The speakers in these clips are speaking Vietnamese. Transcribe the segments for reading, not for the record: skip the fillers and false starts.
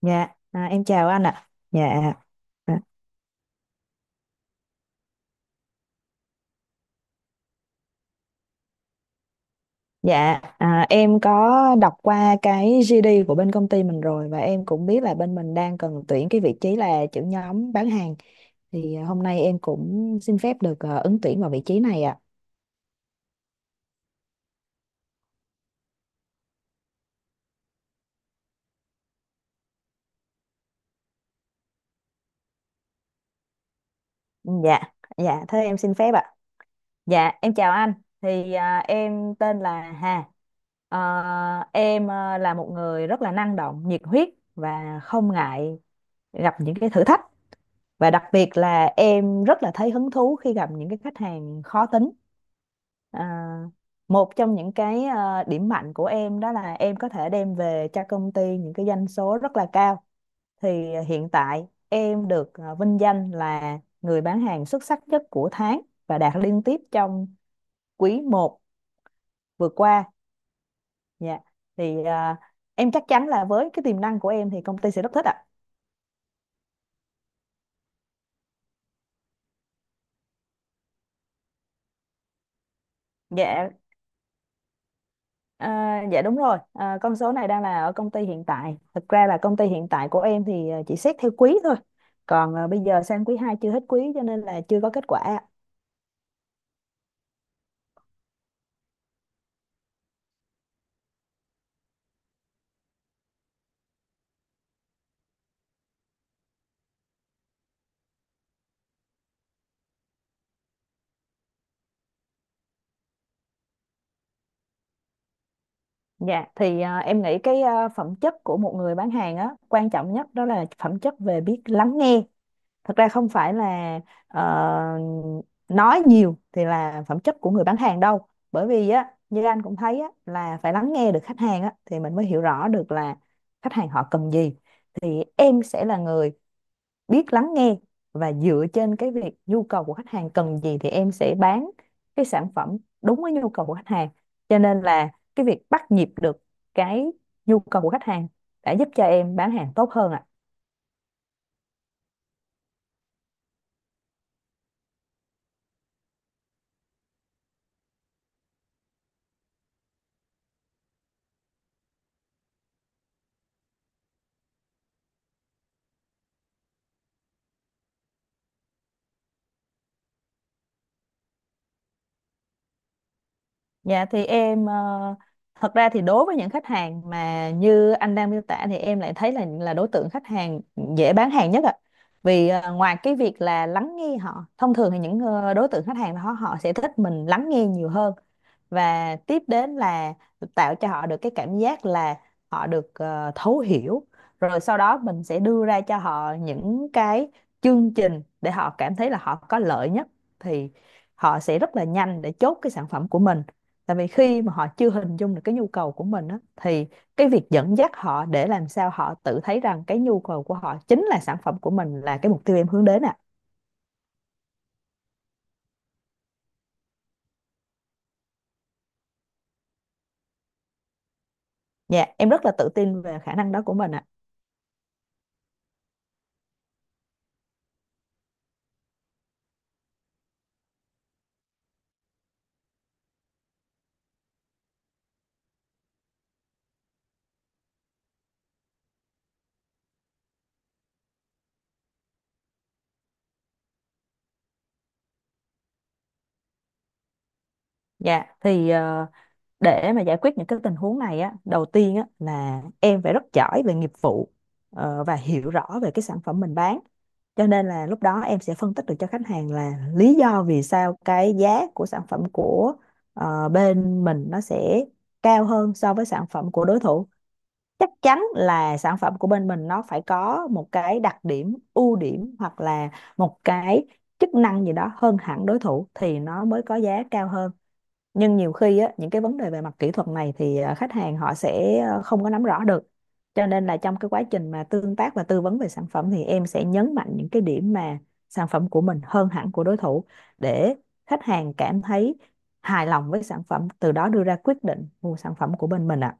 Dạ, em chào anh ạ. Dạ, dạ, em có đọc qua cái GD của bên công ty mình rồi và em cũng biết là bên mình đang cần tuyển cái vị trí là trưởng nhóm bán hàng. Thì hôm nay em cũng xin phép được ứng tuyển vào vị trí này ạ. Dạ, dạ, thế em xin phép ạ. Dạ, em chào anh. Thì em tên là Hà. Ờ, em là một người rất là năng động, nhiệt huyết và không ngại gặp những cái thử thách. Và đặc biệt là em rất là thấy hứng thú khi gặp những cái khách hàng khó tính. à, Một trong những cái điểm mạnh của em đó là em có thể đem về cho công ty những cái doanh số rất là cao. Thì hiện tại em được vinh danh là người bán hàng xuất sắc nhất của tháng và đạt liên tiếp trong quý một vừa qua. Dạ, thì em chắc chắn là với cái tiềm năng của em thì công ty sẽ rất thích ạ. Dạ. À, dạ đúng rồi, con số này đang là ở công ty hiện tại. Thực ra là công ty hiện tại của em thì chỉ xét theo quý thôi. Còn bây giờ sang quý 2 chưa hết quý cho nên là chưa có kết quả ạ. Dạ, thì em nghĩ cái phẩm chất của một người bán hàng á, quan trọng nhất đó là phẩm chất về biết lắng nghe. Thật ra không phải là ờ, nói nhiều thì là phẩm chất của người bán hàng đâu, bởi vì á như anh cũng thấy á là phải lắng nghe được khách hàng á thì mình mới hiểu rõ được là khách hàng họ cần gì. Thì em sẽ là người biết lắng nghe và dựa trên cái việc nhu cầu của khách hàng cần gì thì em sẽ bán cái sản phẩm đúng với nhu cầu của khách hàng. Cho nên là cái việc bắt nhịp được cái nhu cầu của khách hàng đã giúp cho em bán hàng tốt hơn ạ. Dạ, thì em thật ra thì đối với những khách hàng mà như anh đang miêu tả thì em lại thấy là đối tượng khách hàng dễ bán hàng nhất ạ. Vì ngoài cái việc là lắng nghe họ, thông thường thì những đối tượng khách hàng đó họ sẽ thích mình lắng nghe nhiều hơn. Và tiếp đến là tạo cho họ được cái cảm giác là họ được thấu hiểu. Rồi sau đó mình sẽ đưa ra cho họ những cái chương trình để họ cảm thấy là họ có lợi nhất thì họ sẽ rất là nhanh để chốt cái sản phẩm của mình. Tại vì khi mà họ chưa hình dung được cái nhu cầu của mình á, thì cái việc dẫn dắt họ để làm sao họ tự thấy rằng cái nhu cầu của họ chính là sản phẩm của mình là cái mục tiêu em hướng đến ạ. Dạ, em rất là tự tin về khả năng đó của mình ạ. Dạ, thì để mà giải quyết những cái tình huống này á, đầu tiên á là em phải rất giỏi về nghiệp vụ và hiểu rõ về cái sản phẩm mình bán. Cho nên là lúc đó em sẽ phân tích được cho khách hàng là lý do vì sao cái giá của sản phẩm của bên mình nó sẽ cao hơn so với sản phẩm của đối thủ. Chắc chắn là sản phẩm của bên mình nó phải có một cái đặc điểm, ưu điểm hoặc là một cái chức năng gì đó hơn hẳn đối thủ thì nó mới có giá cao hơn. Nhưng nhiều khi á, những cái vấn đề về mặt kỹ thuật này thì khách hàng họ sẽ không có nắm rõ được. Cho nên là trong cái quá trình mà tương tác và tư vấn về sản phẩm thì em sẽ nhấn mạnh những cái điểm mà sản phẩm của mình hơn hẳn của đối thủ, để khách hàng cảm thấy hài lòng với sản phẩm, từ đó đưa ra quyết định mua sản phẩm của bên mình ạ.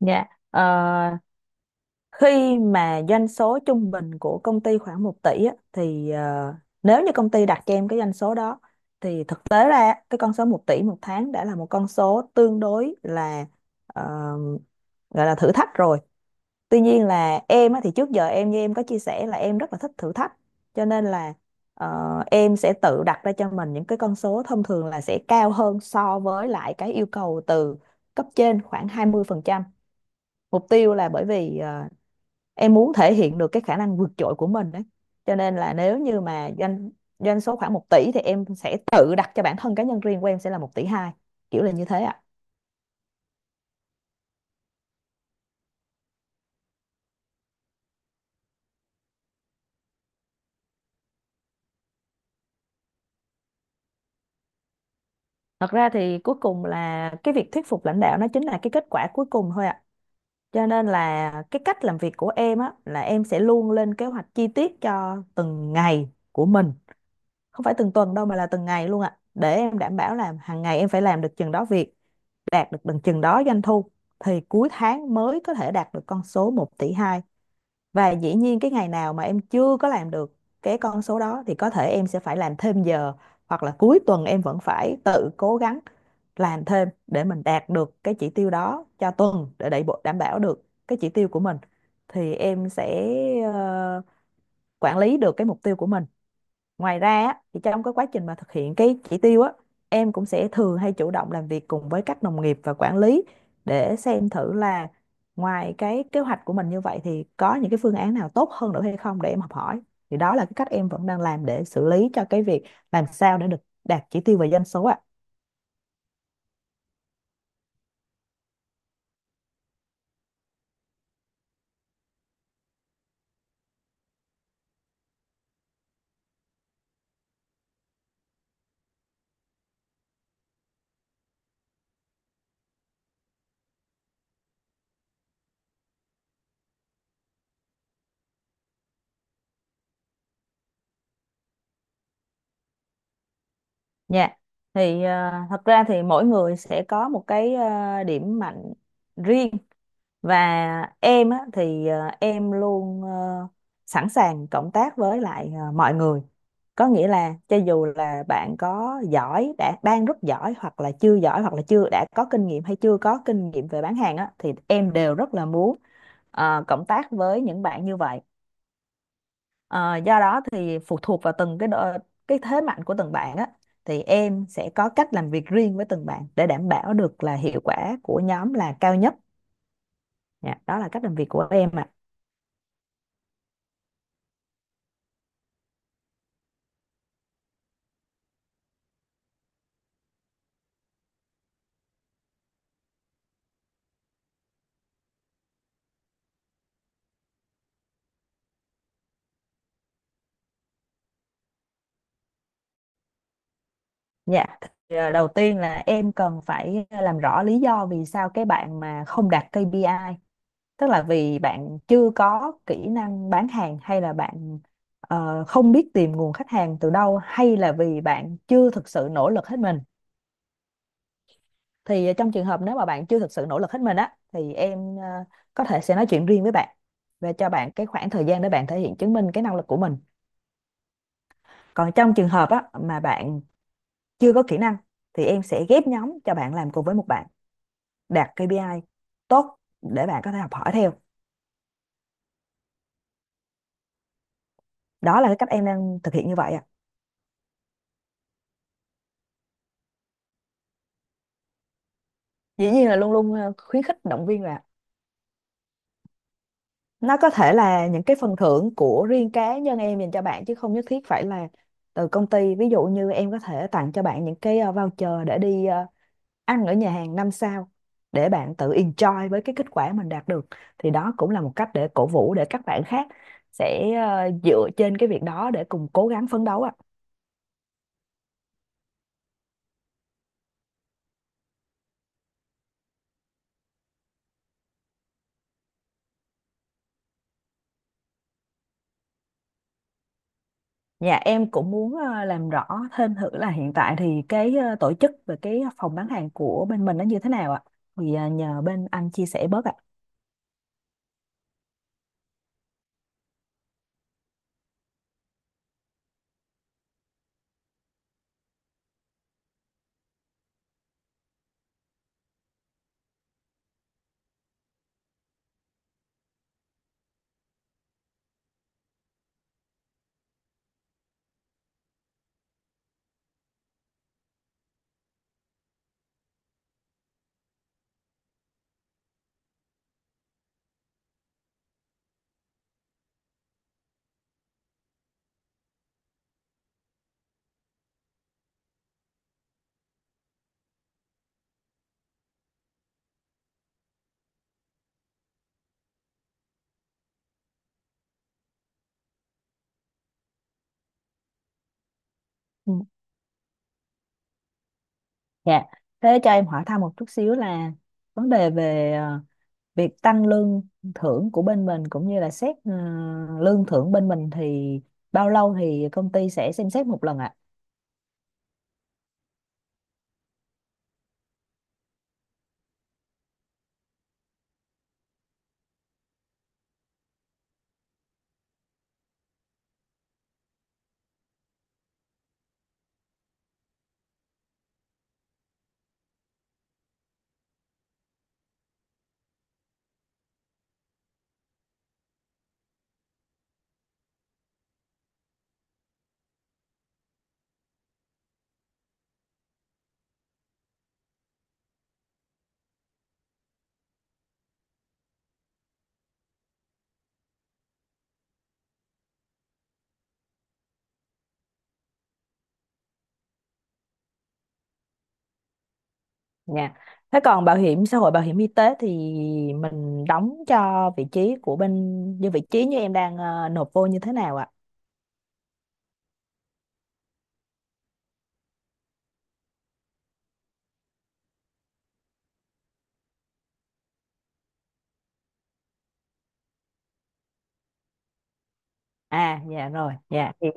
Dạ. Ờ, Khi mà doanh số trung bình của công ty khoảng 1 tỷ á, thì nếu như công ty đặt cho em cái doanh số đó thì thực tế ra á, cái con số 1 tỷ một tháng đã là một con số tương đối là ờ, gọi là thử thách rồi. Tuy nhiên là em á, thì trước giờ em như em có chia sẻ là em rất là thích thử thách. Cho nên là em sẽ tự đặt ra cho mình những cái con số thông thường là sẽ cao hơn so với lại cái yêu cầu từ cấp trên khoảng 20%. Mục tiêu là bởi vì em muốn thể hiện được cái khả năng vượt trội của mình đấy. Cho nên là nếu như mà doanh doanh số khoảng 1 tỷ thì em sẽ tự đặt cho bản thân cá nhân riêng của em sẽ là 1,2 tỷ, kiểu là như thế ạ. Thật ra thì cuối cùng là cái việc thuyết phục lãnh đạo nó chính là cái kết quả cuối cùng thôi ạ. Cho nên là cái cách làm việc của em á là em sẽ luôn lên kế hoạch chi tiết cho từng ngày của mình, không phải từng tuần đâu mà là từng ngày luôn ạ, để em đảm bảo là hàng ngày em phải làm được chừng đó việc, đạt được bằng chừng đó doanh thu. Thì cuối tháng mới có thể đạt được con số 1,2 tỷ. Và dĩ nhiên cái ngày nào mà em chưa có làm được cái con số đó thì có thể em sẽ phải làm thêm giờ hoặc là cuối tuần em vẫn phải tự cố gắng làm thêm để mình đạt được cái chỉ tiêu đó cho tuần, để đẩy bộ đảm bảo được cái chỉ tiêu của mình, thì em sẽ ờ, quản lý được cái mục tiêu của mình. Ngoài ra á, thì trong cái quá trình mà thực hiện cái chỉ tiêu á, em cũng sẽ thường hay chủ động làm việc cùng với các đồng nghiệp và quản lý để xem thử là ngoài cái kế hoạch của mình như vậy thì có những cái phương án nào tốt hơn nữa hay không để em học hỏi. Thì đó là cái cách em vẫn đang làm để xử lý cho cái việc làm sao để được đạt chỉ tiêu về doanh số ạ. Dạ. Thì thật ra thì mỗi người sẽ có một cái điểm mạnh riêng. Và em á, thì em luôn sẵn sàng cộng tác với lại mọi người. Có nghĩa là cho dù là bạn có giỏi đã đang rất giỏi hoặc là chưa giỏi hoặc là chưa đã có kinh nghiệm hay chưa có kinh nghiệm về bán hàng á, thì em đều rất là muốn cộng tác với những bạn như vậy. Ờ, do đó thì phụ thuộc vào từng cái độ, cái thế mạnh của từng bạn á thì em sẽ có cách làm việc riêng với từng bạn để đảm bảo được là hiệu quả của nhóm là cao nhất. Dạ, đó là cách làm việc của em. Dạ, thì, đầu tiên là em cần phải làm rõ lý do vì sao cái bạn mà không đạt KPI, tức là vì bạn chưa có kỹ năng bán hàng hay là bạn không biết tìm nguồn khách hàng từ đâu hay là vì bạn chưa thực sự nỗ lực hết mình. Thì trong trường hợp nếu mà bạn chưa thực sự nỗ lực hết mình á thì em có thể sẽ nói chuyện riêng với bạn và cho bạn cái khoảng thời gian để bạn thể hiện chứng minh cái năng lực của mình. Còn trong trường hợp á mà bạn chưa có kỹ năng thì em sẽ ghép nhóm cho bạn làm cùng với một bạn đạt KPI tốt để bạn có thể học hỏi theo. Đó là cái cách em đang thực hiện như vậy ạ. Dĩ nhiên là luôn luôn khuyến khích động viên, là nó có thể là những cái phần thưởng của riêng cá nhân em dành cho bạn chứ không nhất thiết phải là từ công ty, ví dụ như em có thể tặng cho bạn những cái voucher để đi ăn ở nhà hàng 5 sao để bạn tự enjoy với cái kết quả mình đạt được. Thì đó cũng là một cách để cổ vũ, để các bạn khác sẽ dựa trên cái việc đó để cùng cố gắng phấn đấu ạ. Dạ, em cũng muốn làm rõ thêm thử là hiện tại thì cái tổ chức về cái phòng bán hàng của bên mình nó như thế nào ạ? Thì nhờ bên anh chia sẻ bớt ạ. Ừ. Dạ. Thế cho em hỏi thăm một chút xíu là vấn đề về việc tăng lương thưởng của bên mình cũng như là xét lương thưởng bên mình thì bao lâu thì công ty sẽ xem xét một lần ạ? Dạ. Thế còn bảo hiểm xã hội, bảo hiểm y tế thì mình đóng cho vị trí của bên như vị trí như em đang nộp vô như thế nào ạ? À, dạ rồi, dạ thì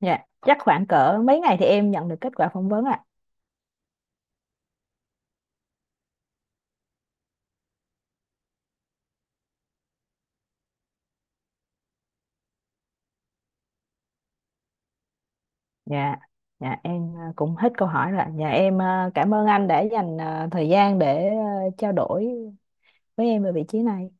dạ chắc khoảng cỡ mấy ngày thì em nhận được kết quả phỏng vấn ạ. Dạ. Dạ, em cũng hết câu hỏi rồi ạ. Dạ, em cảm ơn anh đã dành thời gian để trao đổi với em về vị trí này.